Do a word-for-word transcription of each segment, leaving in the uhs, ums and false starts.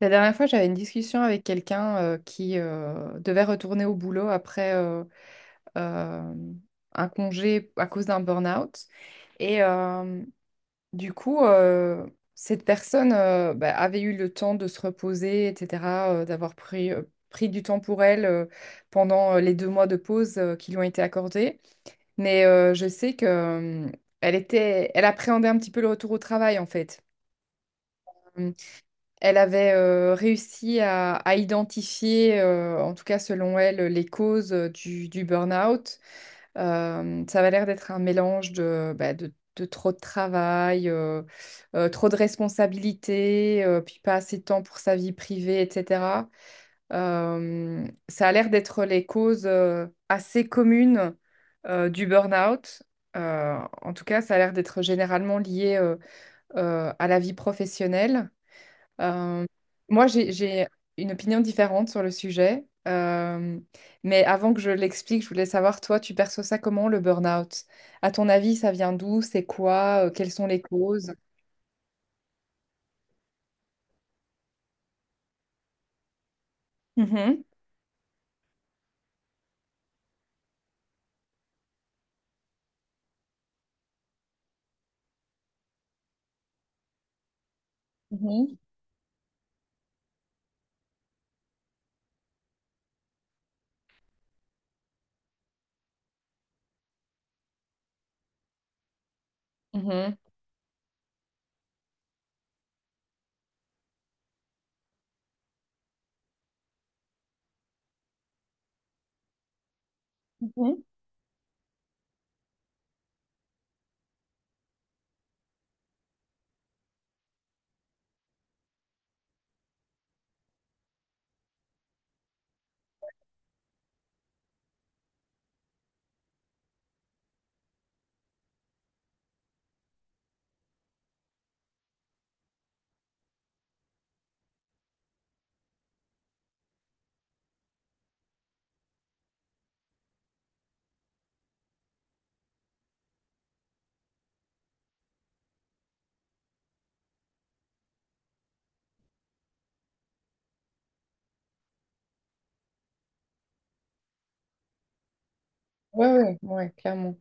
La dernière fois, j'avais une discussion avec quelqu'un euh, qui euh, devait retourner au boulot après euh, euh, un congé à cause d'un burn-out. Et euh, du coup, euh, cette personne euh, bah, avait eu le temps de se reposer, et cetera, euh, d'avoir pris, euh, pris du temps pour elle euh, pendant euh, les deux mois de pause euh, qui lui ont été accordés. Mais euh, je sais que, euh, elle était, elle appréhendait un petit peu le retour au travail, en fait. Elle avait euh, réussi à, à identifier, euh, en tout cas selon elle, les causes euh, du, du burn-out. Euh, ça avait l'air d'être un mélange de, bah, de, de trop de travail, euh, euh, trop de responsabilités, euh, puis pas assez de temps pour sa vie privée, et cetera. Euh, ça a l'air d'être les causes euh, assez communes euh, du burn-out. Euh, en tout cas, ça a l'air d'être généralement lié euh, euh, à la vie professionnelle. Euh, Moi, j'ai, j'ai une opinion différente sur le sujet, euh, mais avant que je l'explique, je voulais savoir, toi, tu perçois ça comment, le burn-out? À ton avis, ça vient d'où? C'est quoi? Euh, Quelles sont les causes? Mhm. Mhm. Mhm. Mhm. Ouais, ouais, ouais, clairement.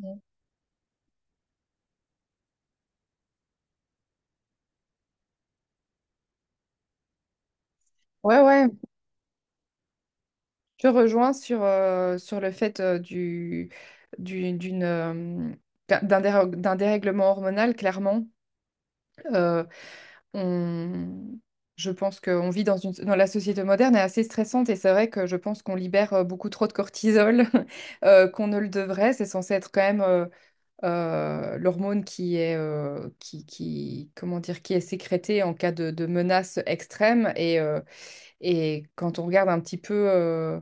Mhm. Ouais, ouais, je rejoins sur, euh, sur le fait euh, du, du- d'une, euh, d'un dérèg- d'un dérèglement hormonal, clairement. Euh, On- Je pense qu'on vit dans une... dans la société moderne est assez stressante et c'est vrai que je pense qu'on libère euh, beaucoup trop de cortisol euh, qu'on ne le devrait. C'est censé être quand même euh, euh, l'hormone qui est euh, qui, qui comment dire qui est sécrétée en cas de, de menace extrême et euh, et quand on regarde un petit peu euh,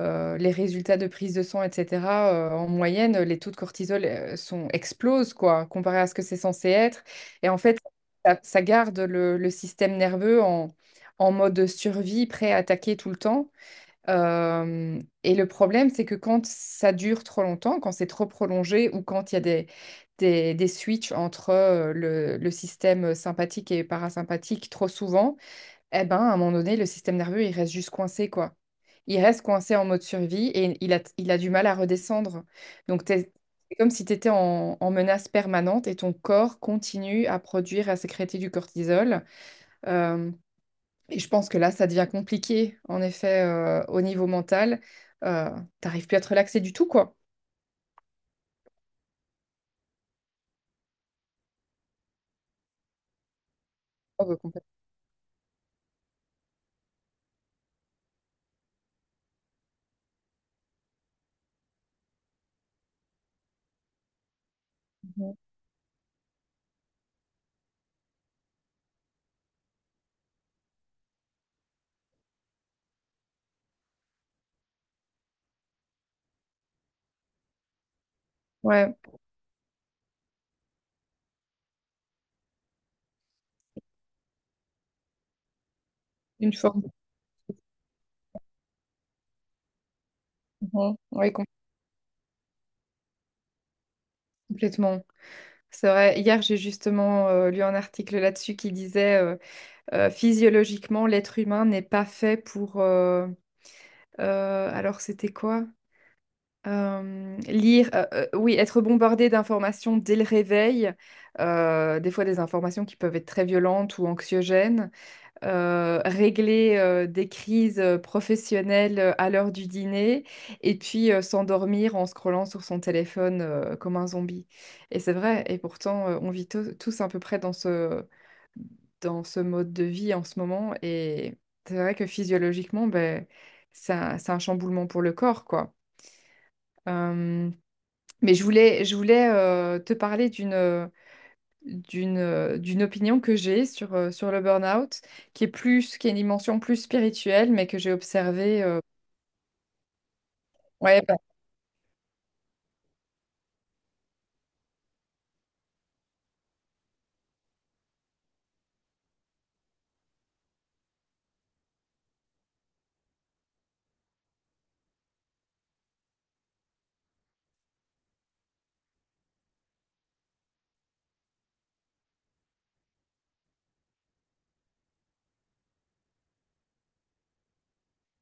euh, les résultats de prise de sang, et cetera, euh, en moyenne, les taux de cortisol euh, sont, explosent, quoi, comparé à ce que c'est censé être. Et en fait, ça, ça garde le, le système nerveux en, en mode survie, prêt à attaquer tout le temps. Euh, et le problème, c'est que quand ça dure trop longtemps, quand c'est trop prolongé ou quand il y a des, des, des switches entre euh, le, le système sympathique et parasympathique trop souvent, eh ben, à un moment donné, le système nerveux, il reste juste coincé, quoi Il reste coincé en mode survie et il a, il a du mal à redescendre. Donc, t'es- c'est comme si tu étais en, en menace permanente et ton corps continue à produire, à sécréter du cortisol. Euh, et je pense que là, ça devient compliqué, en effet, euh, au niveau mental. Euh, T'arrives plus à te relaxer du tout, quoi. Oh, bah, complètement. Ouais, une forme. Oui, complètement. C'est vrai, hier j'ai justement euh, lu un article là-dessus qui disait euh, euh, physiologiquement l'être humain n'est pas fait pour, euh, Euh, alors, c'était quoi? Euh, lire, euh, euh, oui, être bombardé d'informations dès le réveil, euh, des fois des informations qui peuvent être très violentes ou anxiogènes, euh, régler euh, des crises euh, professionnelles euh, à l'heure du dîner, et puis euh, s'endormir en scrollant sur son téléphone euh, comme un zombie. Et c'est vrai, et pourtant, euh, on vit to- tous à peu près dans ce, dans ce mode de vie en ce moment, et c'est vrai que physiologiquement, ben, c'est c'est un chamboulement pour le corps, quoi. Euh, mais je voulais, je voulais euh, te parler d'une euh, d'une euh, d'une opinion que j'ai sur, euh, sur le burn-out, qui est plus, qui est une dimension plus spirituelle, mais que j'ai observée. Euh, Ouais, bah,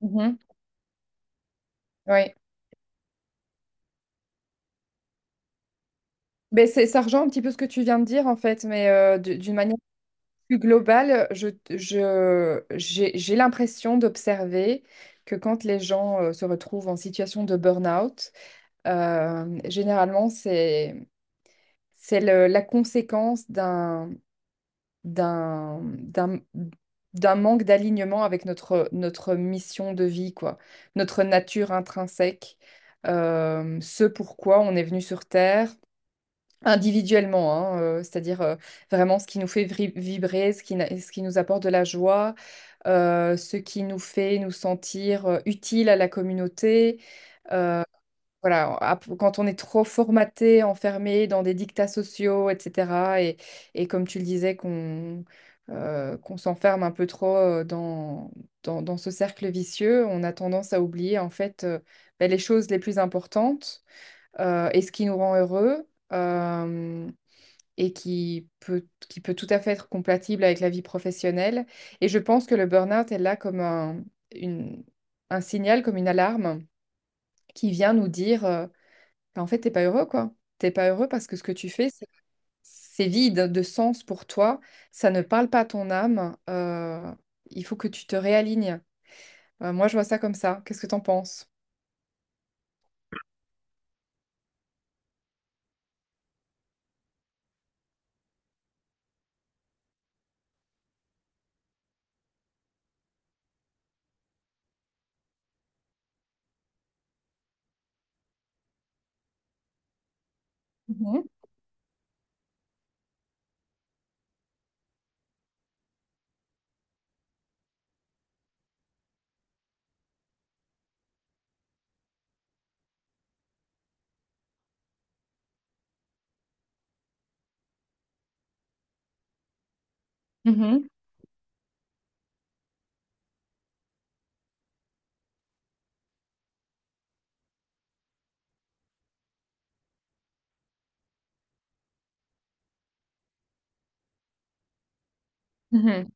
mhm, ouais. Ben, c'est, ça rejoint un petit peu ce que tu viens de dire, en fait, mais euh, d- d'une manière plus globale, je, je, j'ai, j'ai l'impression d'observer que quand les gens euh, se retrouvent en situation de burn-out, euh, généralement, c'est, c'est le- la conséquence d'un d'un, d'un, d'un manque d'alignement avec notre, notre mission de vie, quoi, notre nature intrinsèque, euh, ce pourquoi on est venu sur Terre. Individuellement, hein, euh, c'est-à-dire euh, vraiment ce qui nous fait vri- vibrer, ce qui, na- ce qui nous apporte de la joie, euh, ce qui nous fait nous sentir euh, utiles à la communauté, euh, voilà, ap- quand on est trop formaté, enfermé dans des dictats sociaux, et cetera, et, et comme tu le disais, qu'on euh, qu'on s'enferme un peu trop euh, dans, dans, dans ce cercle vicieux, on a tendance à oublier en fait euh, ben, les choses les plus importantes euh, et ce qui nous rend heureux euh, et qui peut, qui peut tout à fait être compatible avec la vie professionnelle. Et je pense que le burn-out est là comme un, une- un signal, comme une alarme qui vient nous dire... euh, bah, en fait, t'es pas heureux, quoi. T'es pas heureux parce que ce que tu fais, c'est c'est vide de sens pour toi. Ça ne parle pas à ton âme. Euh, il faut que tu te réalignes. Euh, moi, je vois ça comme ça. Qu'est-ce que t'en penses? Mhm. Mhm. Mhm.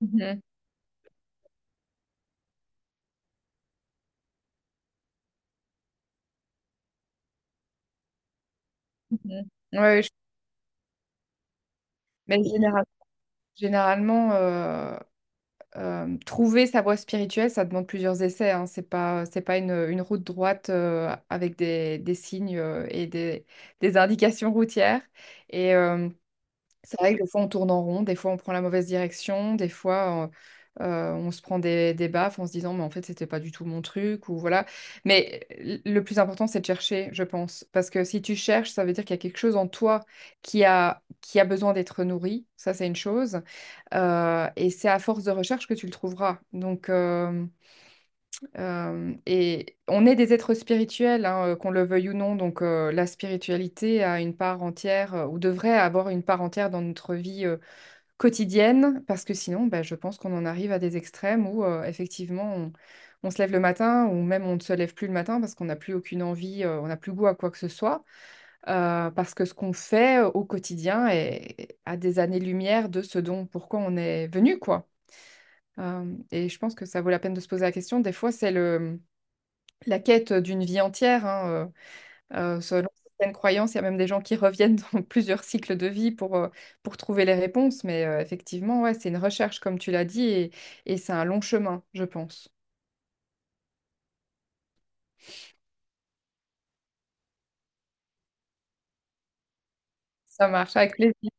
Mhm. Mhm. Ouais, je- mais général- généralement, euh, euh, trouver sa voie spirituelle, ça demande plusieurs essais. Hein. C'est pas, c'est pas une, une route droite euh, avec des, des signes euh, et des, des indications routières. Et, euh, c'est vrai que des fois on tourne en rond, des fois on prend la mauvaise direction, des fois euh, euh, on se prend des, des baffes en se disant mais en fait c'était pas du tout mon truc ou voilà. Mais l- le plus important c'est de chercher, je pense, parce que si tu cherches, ça veut dire qu'il y a quelque chose en toi qui a, qui a besoin d'être nourri, ça c'est une chose. Euh, et c'est à force de recherche que tu le trouveras. Donc euh, euh, et on est des êtres spirituels, hein, euh, qu'on le veuille ou non, donc euh, la spiritualité a une part entière euh, ou devrait avoir une part entière dans notre vie euh, quotidienne, parce que sinon, bah, je pense qu'on en arrive à des extrêmes où euh, effectivement, on, on se lève le matin ou même on ne se lève plus le matin parce qu'on n'a plus aucune envie, euh, on n'a plus goût à quoi que ce soit, euh, parce que ce qu'on fait euh, au quotidien est à des années-lumière de ce dont pourquoi on est venu, quoi. Euh, et je pense que ça vaut la peine de se poser la question. Des fois, c'est le, la quête d'une vie entière, hein, euh, euh, selon certaines croyances, il y a même des gens qui reviennent dans plusieurs cycles de vie pour, euh, pour trouver les réponses. Mais euh, effectivement, ouais, c'est une recherche, comme tu l'as dit, et, et c'est un long chemin, je pense. Ça marche avec plaisir.